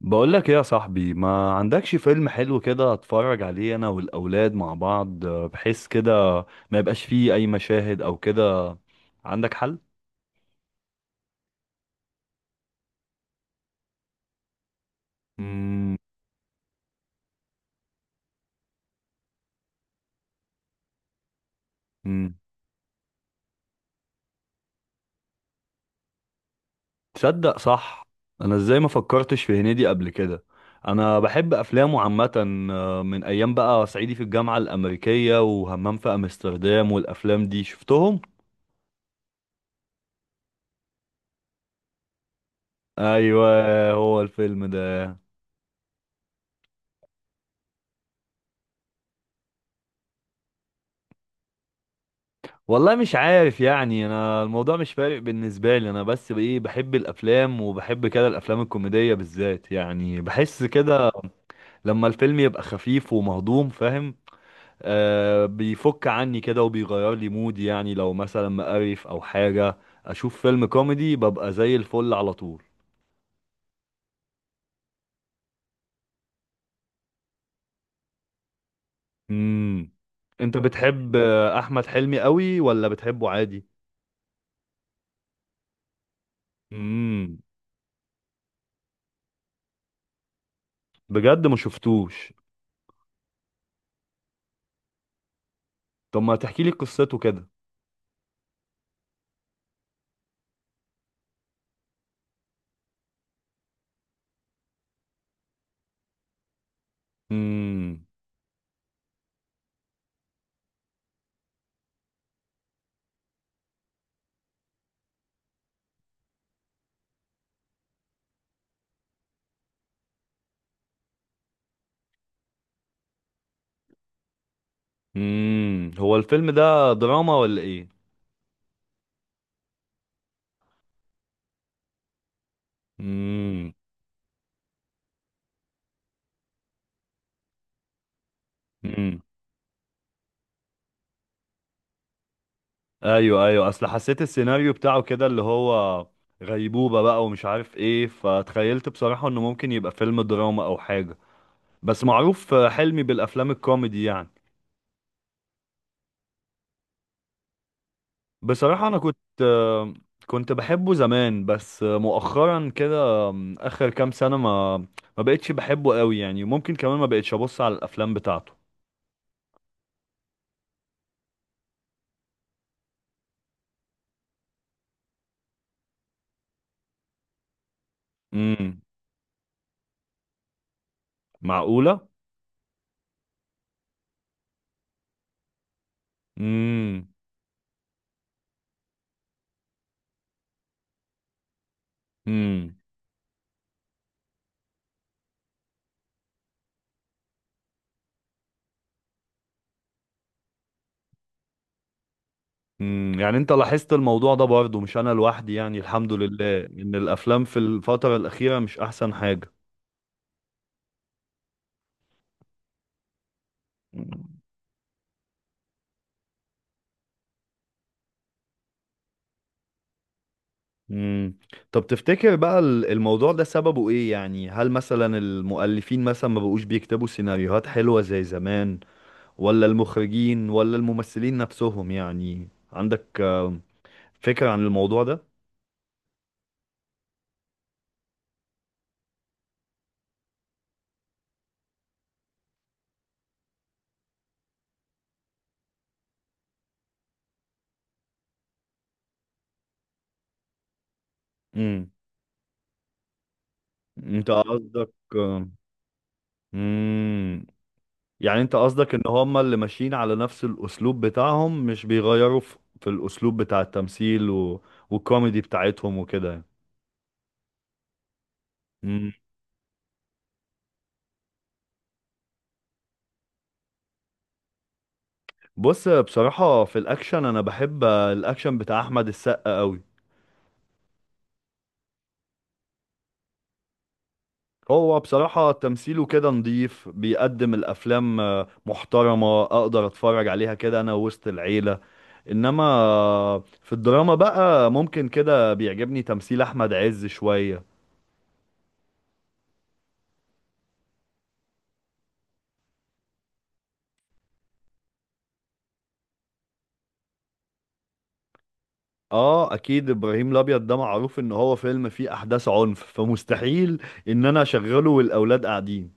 بقول لك ايه يا صاحبي؟ ما عندكش فيلم حلو كده اتفرج عليه انا والاولاد مع بعض، بحيث كده ما يبقاش فيه اي مشاهد او كده؟ عندك حل؟ مم. مم. تصدق، صح. انا ازاي ما فكرتش في هنيدي قبل كده؟ انا بحب افلامه عامه. من ايام بقى صعيدي في الجامعه الامريكيه وهمام في امستردام والافلام دي شفتهم. ايوه، هو الفيلم ده؟ والله مش عارف، يعني انا الموضوع مش فارق بالنسبه لي انا، بس بايه بحب الافلام وبحب كده الافلام الكوميديه بالذات. يعني بحس كده لما الفيلم يبقى خفيف ومهضوم، فاهم؟ آه، بيفك عني كده وبيغير لي مودي، يعني لو مثلا مقرف او حاجه اشوف فيلم كوميدي ببقى زي الفل على طول. امم. انت بتحب احمد حلمي قوي ولا بتحبه عادي؟ امم. بجد ما شفتوش. طب ما تحكي لي قصته كده. امم، امم، هو الفيلم ده دراما ولا ايه؟ امم، امم، ايوه، ايوه، اصل حسيت السيناريو بتاعه كده اللي هو غيبوبة بقى ومش عارف ايه، فتخيلت بصراحة انه ممكن يبقى فيلم دراما او حاجة، بس معروف حلمي بالافلام الكوميدي يعني. بصراحة انا كنت بحبه زمان، بس مؤخرا كده، اخر كام سنة، ما بقتش بحبه قوي. يعني ممكن كمان ما بقتش ابص على الافلام بتاعته. امم. معقولة؟ امم. امم. يعني انت لاحظت الموضوع ده برضه، مش انا لوحدي؟ يعني الحمد لله ان الافلام في الفترة الاخيرة مش احسن حاجة. امم. طب تفتكر بقى الموضوع ده سببه ايه؟ يعني هل مثلا المؤلفين مثلا ما بقوش بيكتبوا سيناريوهات حلوة زي زمان؟ ولا المخرجين، ولا الممثلين نفسهم؟ يعني عندك فكرة عن الموضوع ده؟ امم. انت قصدك؟ امم. يعني انت قصدك ان هما اللي ماشيين على نفس الاسلوب بتاعهم، مش بيغيروا في الاسلوب بتاع التمثيل، والكوميدي بتاعتهم وكده يعني. مم. بص بصراحة، في الاكشن انا بحب الاكشن بتاع احمد السقا قوي. هو بصراحة تمثيله كده نضيف، بيقدم الافلام محترمة، اقدر اتفرج عليها كده انا وسط العيلة. انما في الدراما بقى ممكن كده بيعجبني تمثيل احمد عز شوية. اه اكيد، ابراهيم الابيض ده معروف ان هو فيلم فيه احداث عنف، فمستحيل ان انا اشغله والاولاد قاعدين.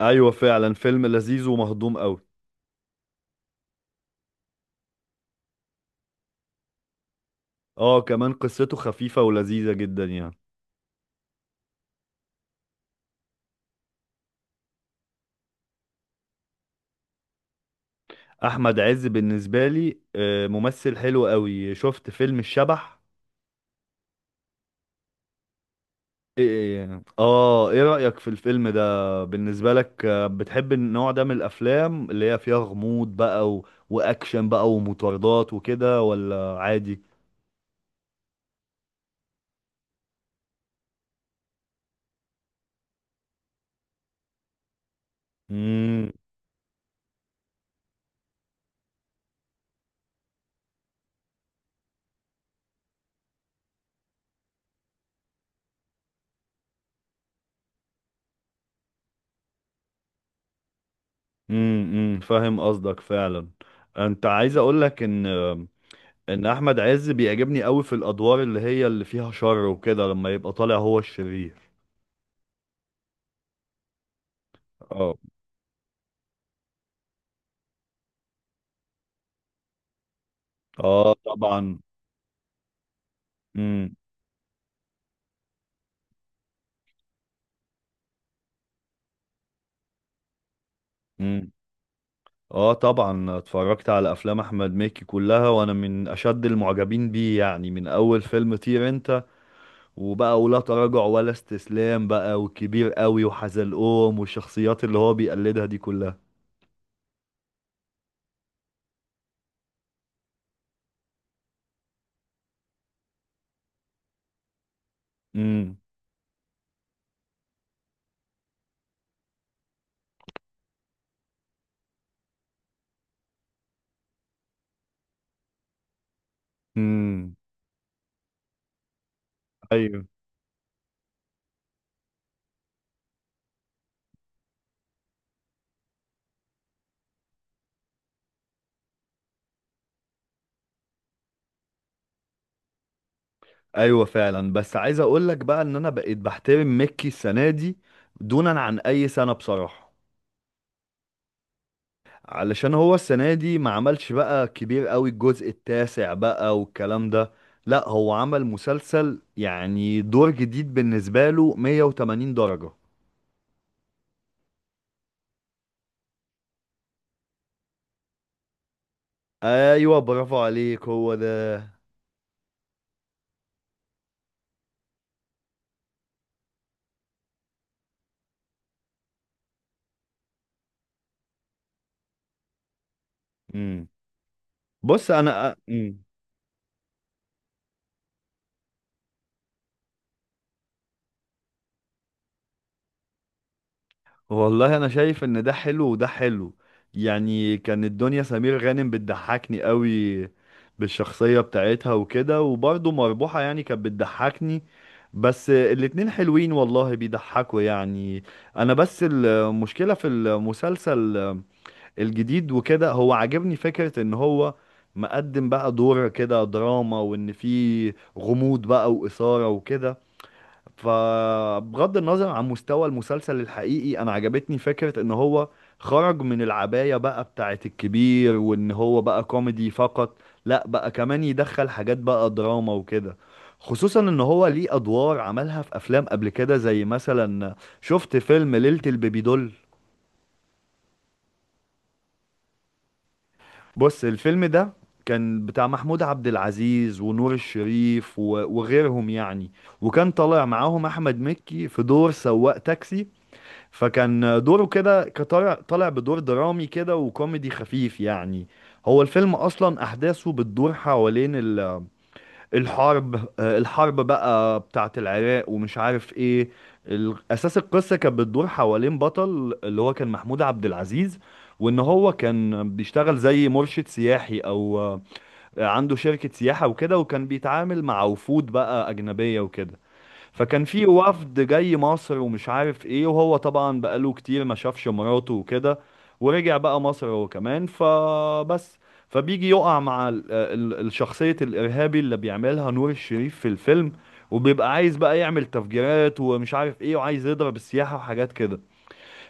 ايوه فعلا، فيلم لذيذ ومهضوم قوي. اه كمان قصته خفيفة ولذيذة جدا يعني. احمد عز بالنسبة لي ممثل حلو قوي. شفت فيلم الشبح؟ ايه رأيك في الفيلم ده بالنسبة لك؟ بتحب النوع ده من الافلام اللي هي فيها غموض بقى واكشن بقى ومطاردات وكده، ولا عادي؟ مم. امم. امم. فاهم قصدك فعلا. انت عايز اقول لك ان احمد عز بيعجبني قوي في الادوار اللي هي اللي فيها شر وكده لما يبقى طالع هو الشرير. اه، اه، طبعا. امم. امم. اه طبعا، اتفرجت على افلام احمد مكي كلها وانا من اشد المعجبين بيه، يعني من اول فيلم طير انت وبقى ولا تراجع ولا استسلام بقى وكبير قوي وحزلقوم والشخصيات اللي هو بيقلدها دي كلها. امم. امم. أيوه. ايوه فعلا، بس عايز اقول لك بقى ان انا بقيت بحترم ميكي السنه دي دونا عن اي سنه بصراحه. علشان هو السنه دي ما عملش بقى كبير قوي الجزء التاسع بقى والكلام ده. لا هو عمل مسلسل يعني دور جديد بالنسبه له 180 درجه. ايوه برافو عليك، هو ده. امم. بص انا، امم، والله انا شايف ان ده حلو وده حلو. يعني كان الدنيا سمير غانم بتضحكني قوي بالشخصية بتاعتها وكده، وبرضه مربوحة يعني كانت بتضحكني. بس الاتنين حلوين والله، بيضحكوا يعني. انا بس المشكلة في المسلسل الجديد وكده، هو عاجبني فكرة ان هو مقدم بقى دور كده دراما، وان فيه غموض بقى وإثارة وكده. فبغض النظر عن مستوى المسلسل الحقيقي انا عجبتني فكرة ان هو خرج من العباية بقى بتاعت الكبير، وان هو بقى كوميدي فقط، لا بقى كمان يدخل حاجات بقى دراما وكده. خصوصا ان هو ليه ادوار عملها في افلام قبل كده، زي مثلا، شفت فيلم ليلة البيبي دول؟ بص الفيلم ده كان بتاع محمود عبد العزيز ونور الشريف وغيرهم يعني. وكان طالع معاهم احمد مكي في دور سواق تاكسي. فكان دوره كده، كطالع طالع بدور درامي كده وكوميدي خفيف يعني. هو الفيلم اصلا احداثه بتدور حوالين الحرب، الحرب بقى بتاعه العراق ومش عارف ايه. اساس القصه كانت بتدور حوالين بطل اللي هو كان محمود عبد العزيز، وان هو كان بيشتغل زي مرشد سياحي او، عنده شركه سياحه وكده، وكان بيتعامل مع وفود بقى اجنبيه وكده. فكان في وفد جاي مصر ومش عارف ايه، وهو طبعا بقاله كتير ما شافش مراته وكده، ورجع بقى مصر هو كمان، فبس فبيجي يقع مع الشخصية الإرهابي اللي بيعملها نور الشريف في الفيلم. وبيبقى عايز بقى يعمل تفجيرات ومش عارف ايه، وعايز يضرب السياحة وحاجات كده.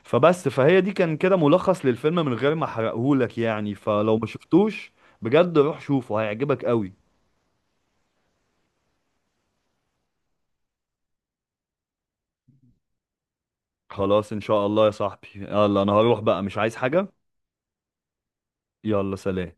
فبس، فهي دي كان كده ملخص للفيلم من غير ما احرقهولك، يعني فلو ما شفتوش، بجد روح شوفه هيعجبك قوي. خلاص ان شاء الله يا صاحبي، يلا انا هروح بقى، مش عايز حاجة. يلا سلام.